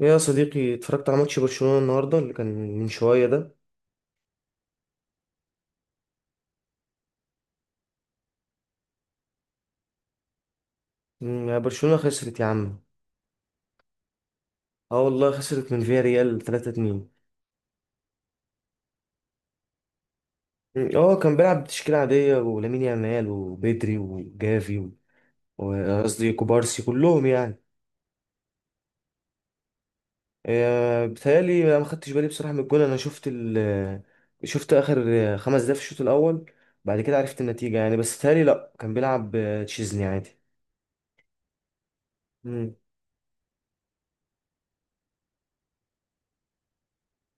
إيه يا صديقي، اتفرجت على ماتش برشلونة النهاردة اللي كان من شوية ده؟ يا برشلونة خسرت يا عم. اه، والله خسرت من فيا ريال 3-2. اه، كان بيلعب بتشكيلة عادية ولامين يامال وبيدري وجافي وقصدي كوبارسي كلهم يعني. بيتهيألي انا ما خدتش بالي بصراحة من الجول. انا شفت ال آه، شفت اخر 5 دقايق في الشوط الاول. بعد كده عرفت النتيجة يعني، بس بيتهيألي لا كان بيلعب تشيزني عادي.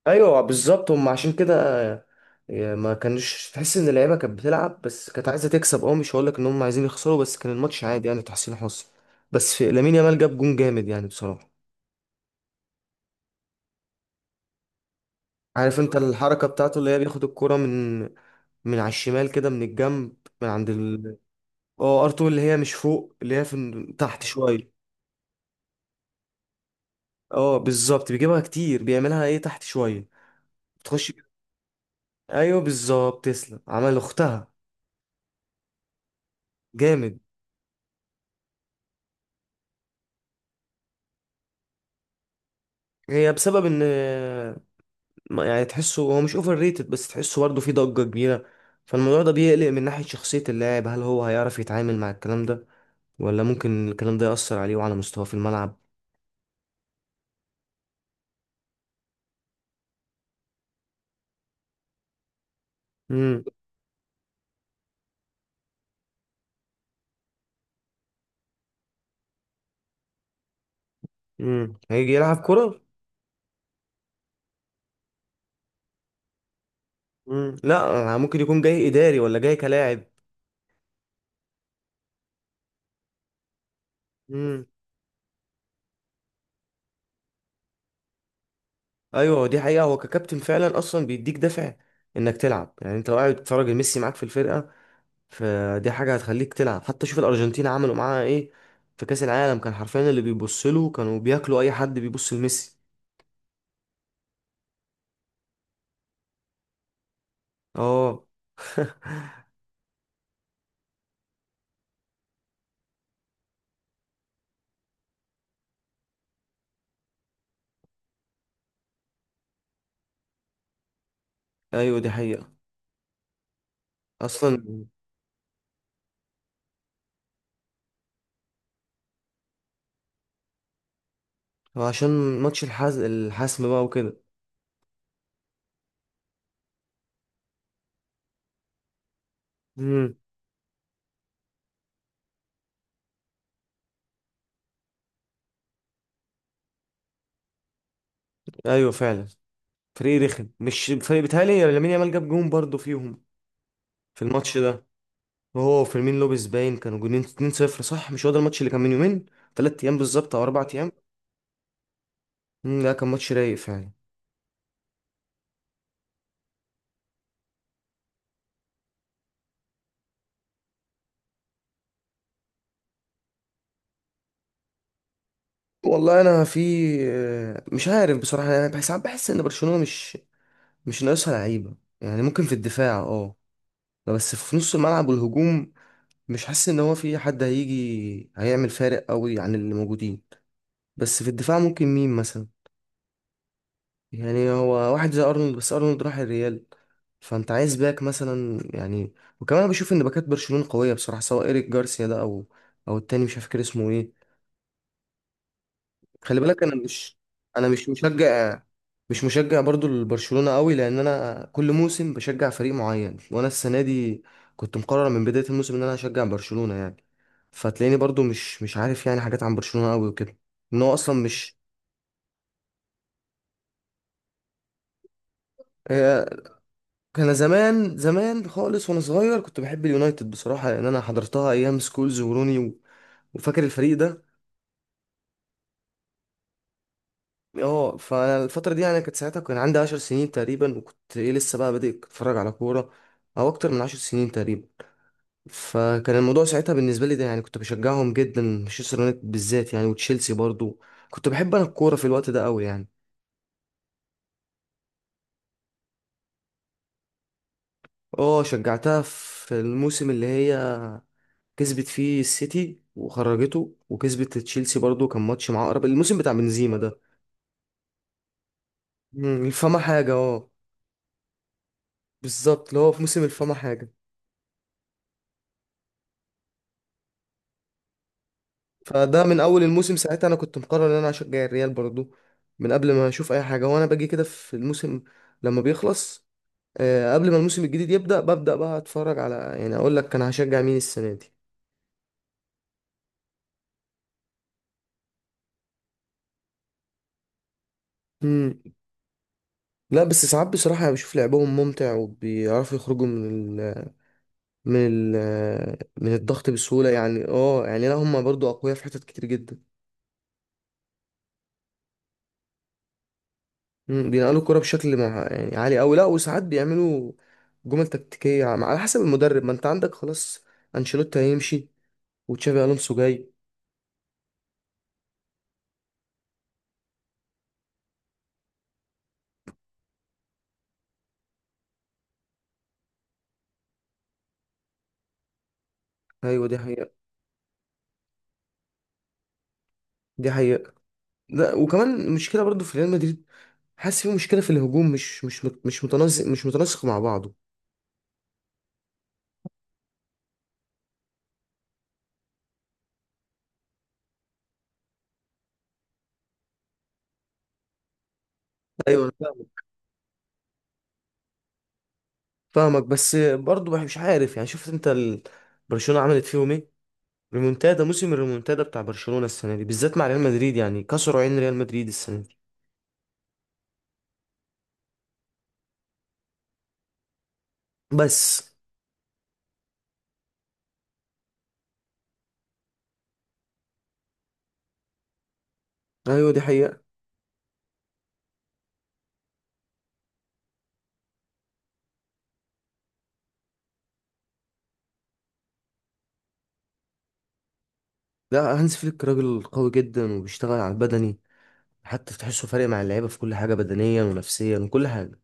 ايوه بالظبط، هم عشان كده. ما كانش تحس ان اللعيبه كانت بتلعب، بس كانت عايزه تكسب. اه مش هقول لك ان هم عايزين يخسروا، بس كان الماتش عادي يعني، تحسين حظ. بس في لامين يامال، جاب جون جامد يعني بصراحه. عارف انت الحركه بتاعته، اللي هي بياخد الكرة من على الشمال كده، من الجنب، من عند اه، ارتو اللي هي مش فوق، اللي هي في تحت شويه. اه بالظبط، بيجيبها كتير، بيعملها ايه تحت شويه. بتخش. ايوه بالظبط، تسلم عمل اختها. جامد. هي بسبب ان يعني تحسه هو مش اوفر ريتد، بس تحسه برضه فيه ضجة كبيرة. فالموضوع ده بيقلق، من ناحية شخصية اللاعب، هل هو هيعرف يتعامل مع الكلام ده، ولا ممكن الكلام ده يأثر عليه وعلى مستواه في الملعب؟ امم. هيجي يلعب كرة. امم، لا يعني ممكن يكون جاي إداري ولا جاي كلاعب؟ امم. ايوه دي حقيقة، هو ككابتن فعلا اصلا بيديك دافع انك تلعب. يعني انت لو قاعد بتتفرج ميسي معاك في الفرقة، فدي حاجة هتخليك تلعب. حتى شوف الأرجنتين عملوا معاها ايه في كأس العالم، كان حرفيا اللي بيبص له كانوا بياكلوا اي حد بيبص لميسي. اه. ايوه دي حقيقة. اصلا عشان ماتش الحسم بقى وكده. امم. ايوه فعلا، فريق رخم مش فريق. بيتهيألي لامين يامال جاب جون برضه فيهم في الماتش ده. وهو وفيرمين لوبيز باين كانوا جونين 2-0. صح، مش هو ده الماتش اللي كان من يومين، 3 ايام بالظبط او 4 ايام؟ امم، لا كان ماتش رايق فعلا. والله انا في آه، مش عارف بصراحة، يعني بحس ساعات. بحس ان برشلونة مش ناقصها لعيبة. يعني ممكن في الدفاع اه، بس في نص الملعب والهجوم مش حاسس ان هو في حد هيجي هيعمل فارق قوي عن اللي موجودين. بس في الدفاع ممكن مين مثلا؟ يعني هو واحد زي ارنولد، بس ارنولد راح الريال، فانت عايز باك مثلا يعني. وكمان أنا بشوف ان باكات برشلونة قوية بصراحة، سواء ايريك جارسيا ده او التاني مش فاكر اسمه ايه. خلي بالك انا مش. انا مش مشجع برضو لبرشلونة قوي، لان انا كل موسم بشجع فريق معين، وانا السنة دي كنت مقرر من بداية الموسم ان انا هشجع برشلونة يعني. فتلاقيني برضو مش عارف يعني حاجات عن برشلونة قوي وكده، ان هو اصلا مش. آه، انا زمان زمان خالص وانا صغير كنت بحب اليونايتد بصراحة، لان انا حضرتها ايام سكولز وروني وفاكر الفريق ده. اه، فانا الفتره دي يعني كانت ساعتها كان عندي 10 سنين تقريبا، وكنت ايه لسه بقى بادئ اتفرج على كوره، او اكتر من 10 سنين تقريبا. فكان الموضوع ساعتها بالنسبه لي ده، يعني كنت بشجعهم جدا مانشستر يونايتد بالذات يعني، وتشيلسي برضو. كنت بحب انا الكوره في الوقت ده قوي يعني. اه، شجعتها في الموسم اللي هي كسبت فيه السيتي وخرجته، وكسبت تشيلسي برضو، كان ماتش مع اقرب الموسم بتاع بنزيما ده. الفما حاجه اه. بالظبط، اللي هو في موسم الفما حاجه. فده من اول الموسم ساعتها انا كنت مقرر ان انا هشجع الريال برضو، من قبل ما اشوف اي حاجه. وانا باجي كده في الموسم لما بيخلص، قبل ما الموسم الجديد يبدا، ببدا بقى اتفرج على، يعني اقول لك انا هشجع مين السنه دي. مم. لا بس ساعات بصراحه انا بشوف لعبهم ممتع، وبيعرفوا يخرجوا من من الضغط بسهوله يعني. اه يعني لا، هم برضو اقوياء في حتت كتير جدا. بينقلوا الكرة بشكل مع يعني عالي أوي. لا وساعات بيعملوا جمل تكتيكية على حسب المدرب. ما انت عندك خلاص، انشيلوتي هيمشي وتشابي الونسو جاي. ايوه، دي حقيقة. دي حقيقة. لا وكمان مشكلة برضو في ريال مدريد، حاسس في مشكلة في الهجوم، مش متناسق مع بعضه. ايوه انا فاهمك، بس برضو مش عارف، يعني شفت انت برشلونة عملت فيهم ايه؟ ريمونتادا موسم الريمونتادا بتاع برشلونة السنة دي بالذات مع ريال مدريد، يعني كسروا عين ريال مدريد السنة دي. بس. ايوه، دي حقيقة. لا، هانز فليك راجل قوي جدا وبيشتغل على البدني، حتى تحسه فارق مع اللعيبه في كل حاجه، بدنيا ونفسيا وكل حاجه.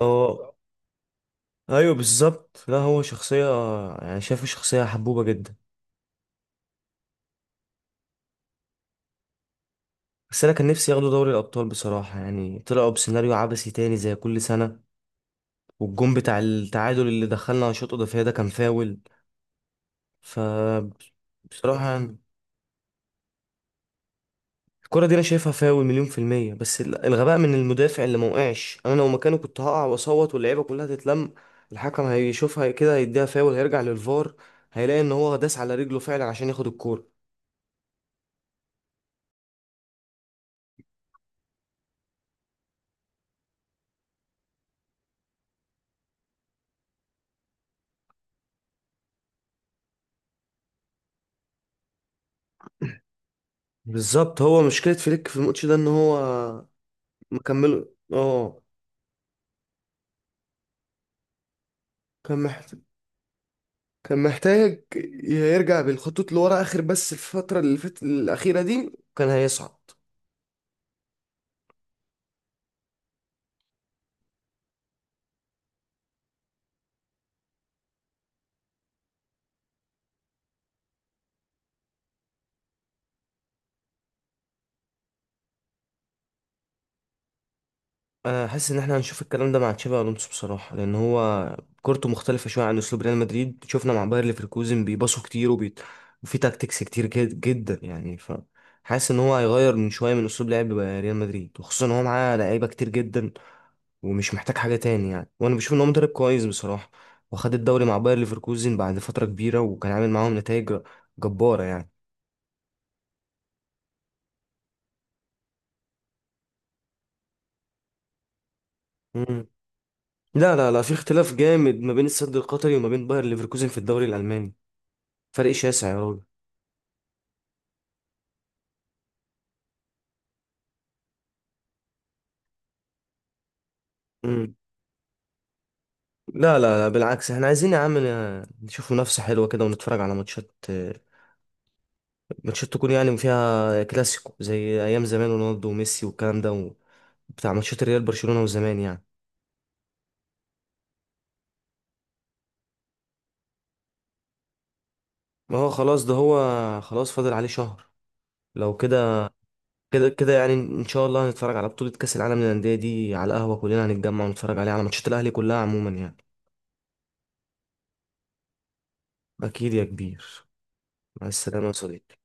اه ايوه بالظبط، لا هو شخصية. يعني شايفه شخصية حبوبة جدا. بس انا كان نفسي ياخدوا دوري الابطال بصراحة، يعني طلعوا بسيناريو عبثي تاني زي كل سنة. والجون بتاع التعادل اللي دخلنا على شوط اضافية ده كان فاول. ف بصراحة الكرة دي انا شايفها فاول مليون في المية، بس الغباء من المدافع اللي ما وقعش، انا لو مكانه كنت هقع واصوت واللعيبة كلها تتلم. الحكم هيشوفها كده، هيديها فاول، هيرجع للفار، هيلاقي ان هو داس على رجله فعلا عشان ياخد الكورة. بالظبط، هو مشكلة فليك في الماتش ده ان هو مكمله. اه، كان محتاج كان محتاج يرجع بالخطوط لورا اخر، بس الفترة اللي فاتت الأخيرة دي كان هيصعد. انا حاسس ان احنا هنشوف الكلام ده مع تشابي الونسو بصراحه، لان هو كورته مختلفه شويه عن اسلوب ريال مدريد. شفنا مع باير ليفركوزن بيباصوا كتير وفي تاكتكس كتير جدا يعني. ف حاسس ان هو هيغير من شويه من اسلوب لعب ريال مدريد، وخصوصا ان هو معاه لعيبه كتير جدا ومش محتاج حاجه تاني يعني. وانا بشوف ان هو مدرب كويس بصراحه، وخد الدوري مع باير ليفركوزن بعد فتره كبيره، وكان عامل معاهم نتائج جباره يعني. مم. لا لا لا، في اختلاف جامد ما بين السد القطري وما بين باير ليفركوزن في الدوري الالماني. فرق شاسع يا راجل. لا لا لا، بالعكس، احنا عايزين يا عم نشوف منافسة حلوة كده، ونتفرج على ماتشات. ماتشات تكون يعني فيها كلاسيكو زي أيام زمان رونالدو وميسي والكلام ده، بتاع ماتشات الريال برشلونة وزمان يعني. ما هو خلاص، ده هو خلاص فاضل عليه شهر. لو كده، كده كده يعني إن شاء الله هنتفرج على بطولة كأس العالم للأندية دي على القهوة. كلنا هنتجمع ونتفرج عليها على ماتشات الأهلي كلها عموما يعني. أكيد يا كبير، مع السلامة يا صديقي.